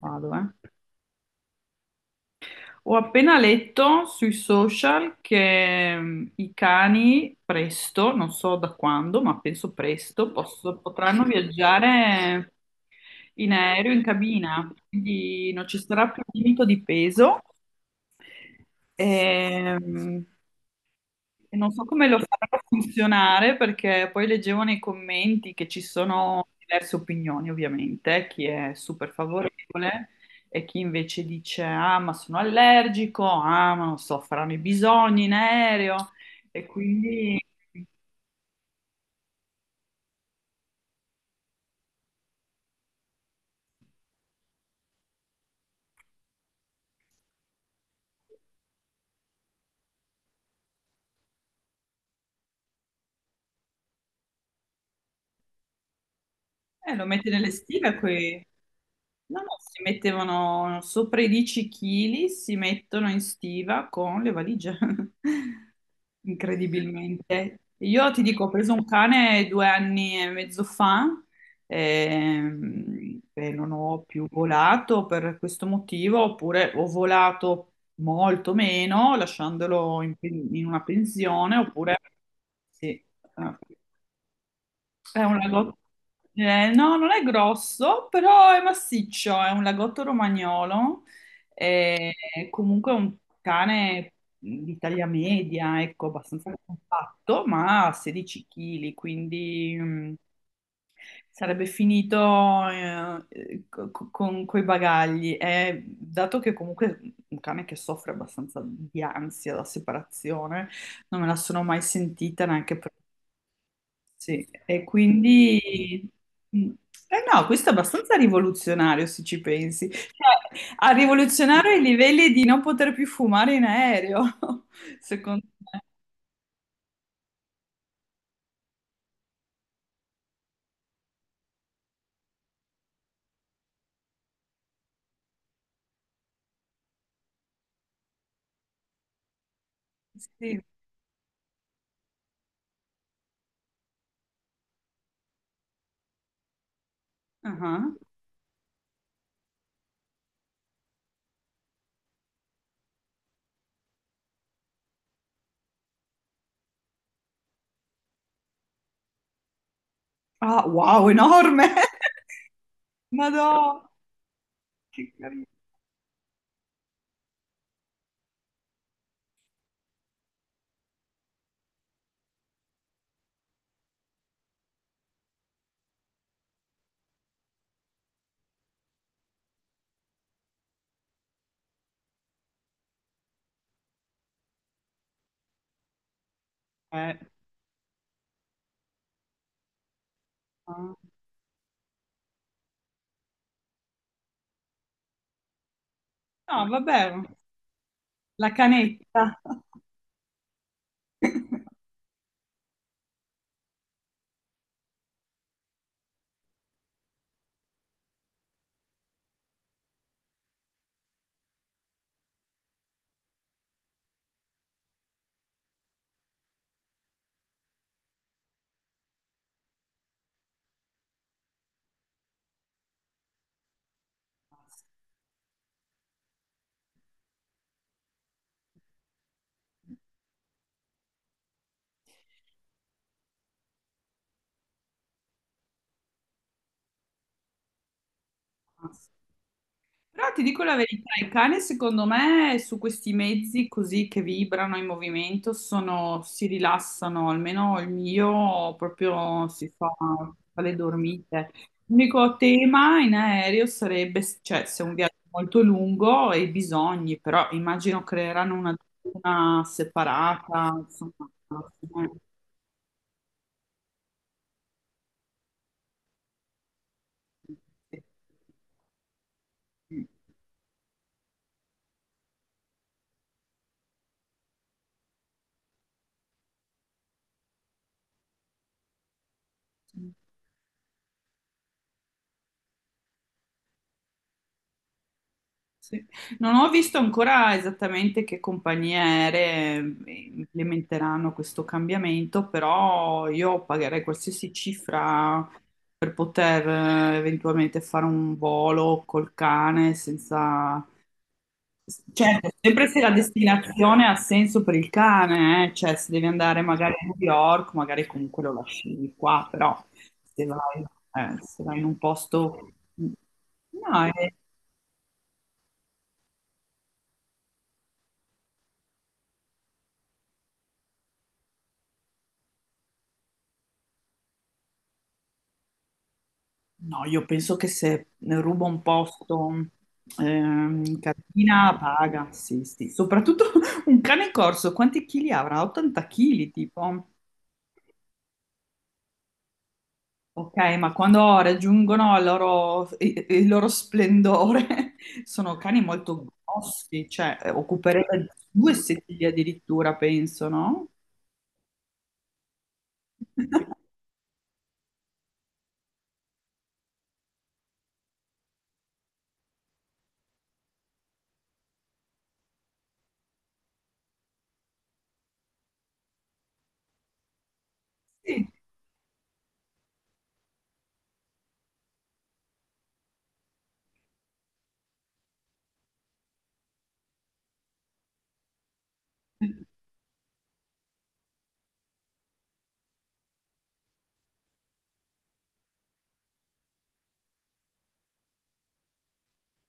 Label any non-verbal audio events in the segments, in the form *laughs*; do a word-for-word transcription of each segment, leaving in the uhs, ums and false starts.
Vado, eh. Ho appena letto sui social che mm, i cani presto, non so da quando, ma penso presto, posso- potranno *laughs* viaggiare in aereo, in cabina, quindi non ci sarà più limite di peso. Ehm, E non so come lo faranno funzionare perché poi leggevo nei commenti che ci sono diverse opinioni, ovviamente, chi è super favorevole e chi invece dice ah, ma sono allergico, ah, ma non so, faranno i bisogni in aereo e quindi. Eh, lo mette nelle stive qui. No, no, si mettevano sopra i dieci chili, si mettono in stiva con le valigie, *laughs* incredibilmente. Io ti dico, ho preso un cane due anni e mezzo fa, ehm, e non ho più volato per questo motivo, oppure ho volato molto meno lasciandolo in, pen- in una pensione, oppure sì, eh, è un lagotto. Eh, no, non è grosso, però è massiccio, è un lagotto romagnolo. È comunque un cane di taglia media, ecco, abbastanza compatto, ma a sedici chili, quindi mm, sarebbe finito eh, co- co- con quei bagagli. E dato che comunque è un cane che soffre abbastanza di ansia da separazione, non me la sono mai sentita neanche per. Sì, e quindi... Mm. Eh no, questo è abbastanza rivoluzionario se ci pensi. Cioè, a rivoluzionare i livelli di non poter più fumare in aereo, *laughs* secondo me. Sì. Ah, ah, wow, enorme! *laughs* Madonna, che carino. Eh, ah. No, vabbè, la canetta. *laughs* Però ti dico la verità, il cane secondo me su questi mezzi così che vibrano in movimento sono- si rilassano, almeno il mio proprio si fa, fa le dormite. L'unico tema in aereo sarebbe, cioè se è un viaggio molto lungo e i bisogni, però immagino creeranno una duna separata, insomma. Eh. Sì. Non ho visto ancora esattamente che compagnie aeree ehm, implementeranno questo cambiamento, però io pagherei qualsiasi cifra per poter eh, eventualmente fare un volo col cane senza... Certo, sempre se la destinazione ha senso per il cane, eh, cioè se devi andare magari a New York, magari comunque lo lasci qua, però se vai, eh, se vai in un posto... No, è No, io penso che se rubo un posto, ehm, in cantina paga, sì, sì. Soprattutto *laughs* un cane corso, quanti chili avrà? ottanta chili, tipo. Ok, ma quando raggiungono il loro, i- il loro splendore, *laughs* sono cani molto grossi, cioè eh, occuperebbe due sedili addirittura, penso, no? *laughs* Sì.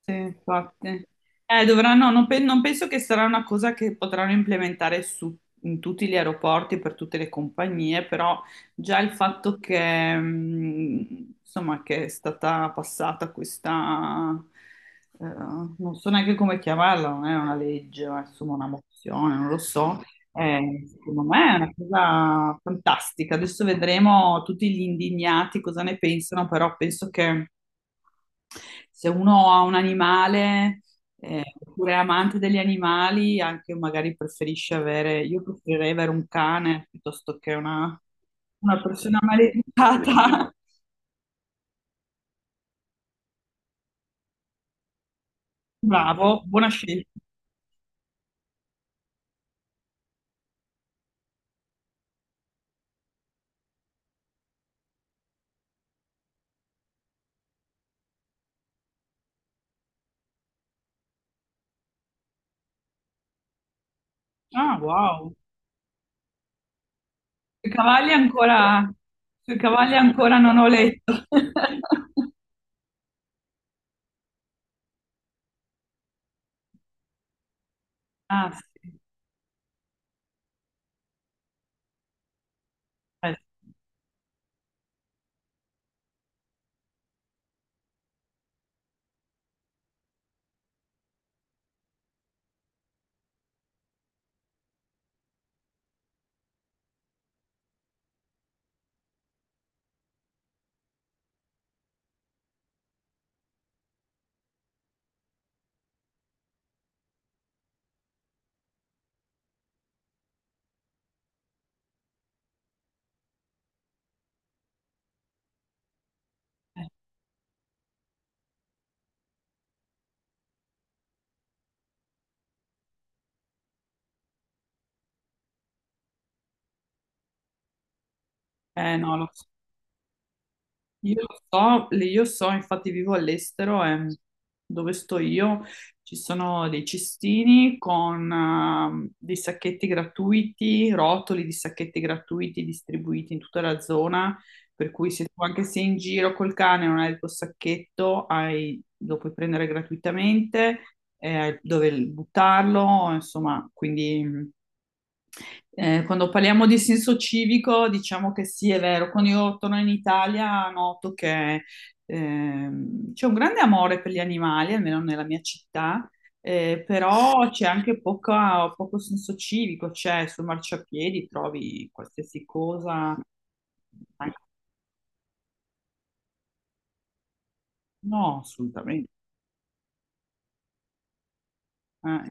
Sì, infatti. Eh, dovranno, no, non, pe- non penso che sarà una cosa che potranno implementare su, in tutti gli aeroporti, per tutte le compagnie, però già il fatto che, mh, insomma, che è stata passata questa, eh, non so neanche come chiamarla, non è una legge, ma insomma una mozione, non lo so, eh, secondo me è una cosa fantastica. Adesso vedremo tutti gli indignati cosa ne pensano, però penso che se uno ha un animale, eh, oppure è amante degli animali, anche magari preferisce avere, io preferirei avere un cane piuttosto che una, una persona maleducata. *laughs* Bravo, buona scelta. Ah, wow. Sui cavalli ancora, sui cavalli ancora non ho letto. *laughs* Ah, sì. Eh, Eh no, lo so. Io so, io so, infatti vivo all'estero e dove sto io ci sono dei cestini con ehm, dei sacchetti gratuiti, rotoli di sacchetti gratuiti distribuiti in tutta la zona, per cui se tu anche sei in giro col cane e non hai il tuo sacchetto, hai- lo puoi prendere gratuitamente, eh, dove buttarlo, insomma, quindi... mm, eh, quando parliamo di senso civico, diciamo che sì, è vero. Quando io torno in Italia noto che ehm, c'è un grande amore per gli animali, almeno nella mia città, eh, però c'è anche poca- poco senso civico, cioè sul marciapiedi trovi qualsiasi cosa. anche- No, assolutamente. Eh,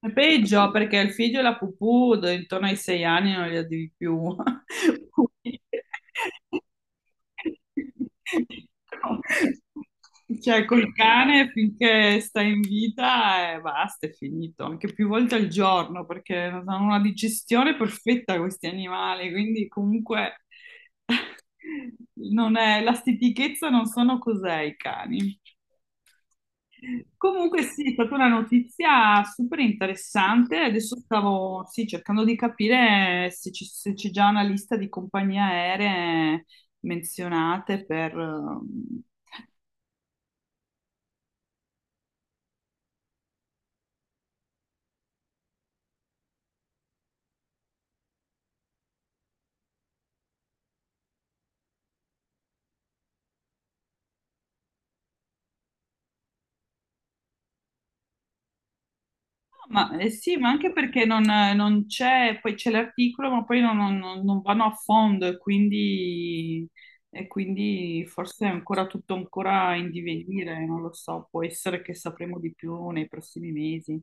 È peggio perché il figlio e la pupù d- intorno ai sei anni non li devi più. *laughs* Cioè, col cane finché sta in vita e basta, è finito. Anche più volte al giorno perché hanno una digestione perfetta questi animali, quindi comunque non è, la stitichezza non sono cos'è i cani. Comunque sì, è stata una notizia super interessante. Adesso stavo sì, cercando di capire se ci- se c'è già una lista di compagnie aeree menzionate per... ehm, Ma, eh sì, ma anche perché non, non c'è, poi c'è l'articolo, ma poi non, non- non- non vanno a fondo e quindi, e quindi forse è ancora tutto ancora in divenire, non lo so, può essere che sapremo di più nei prossimi mesi.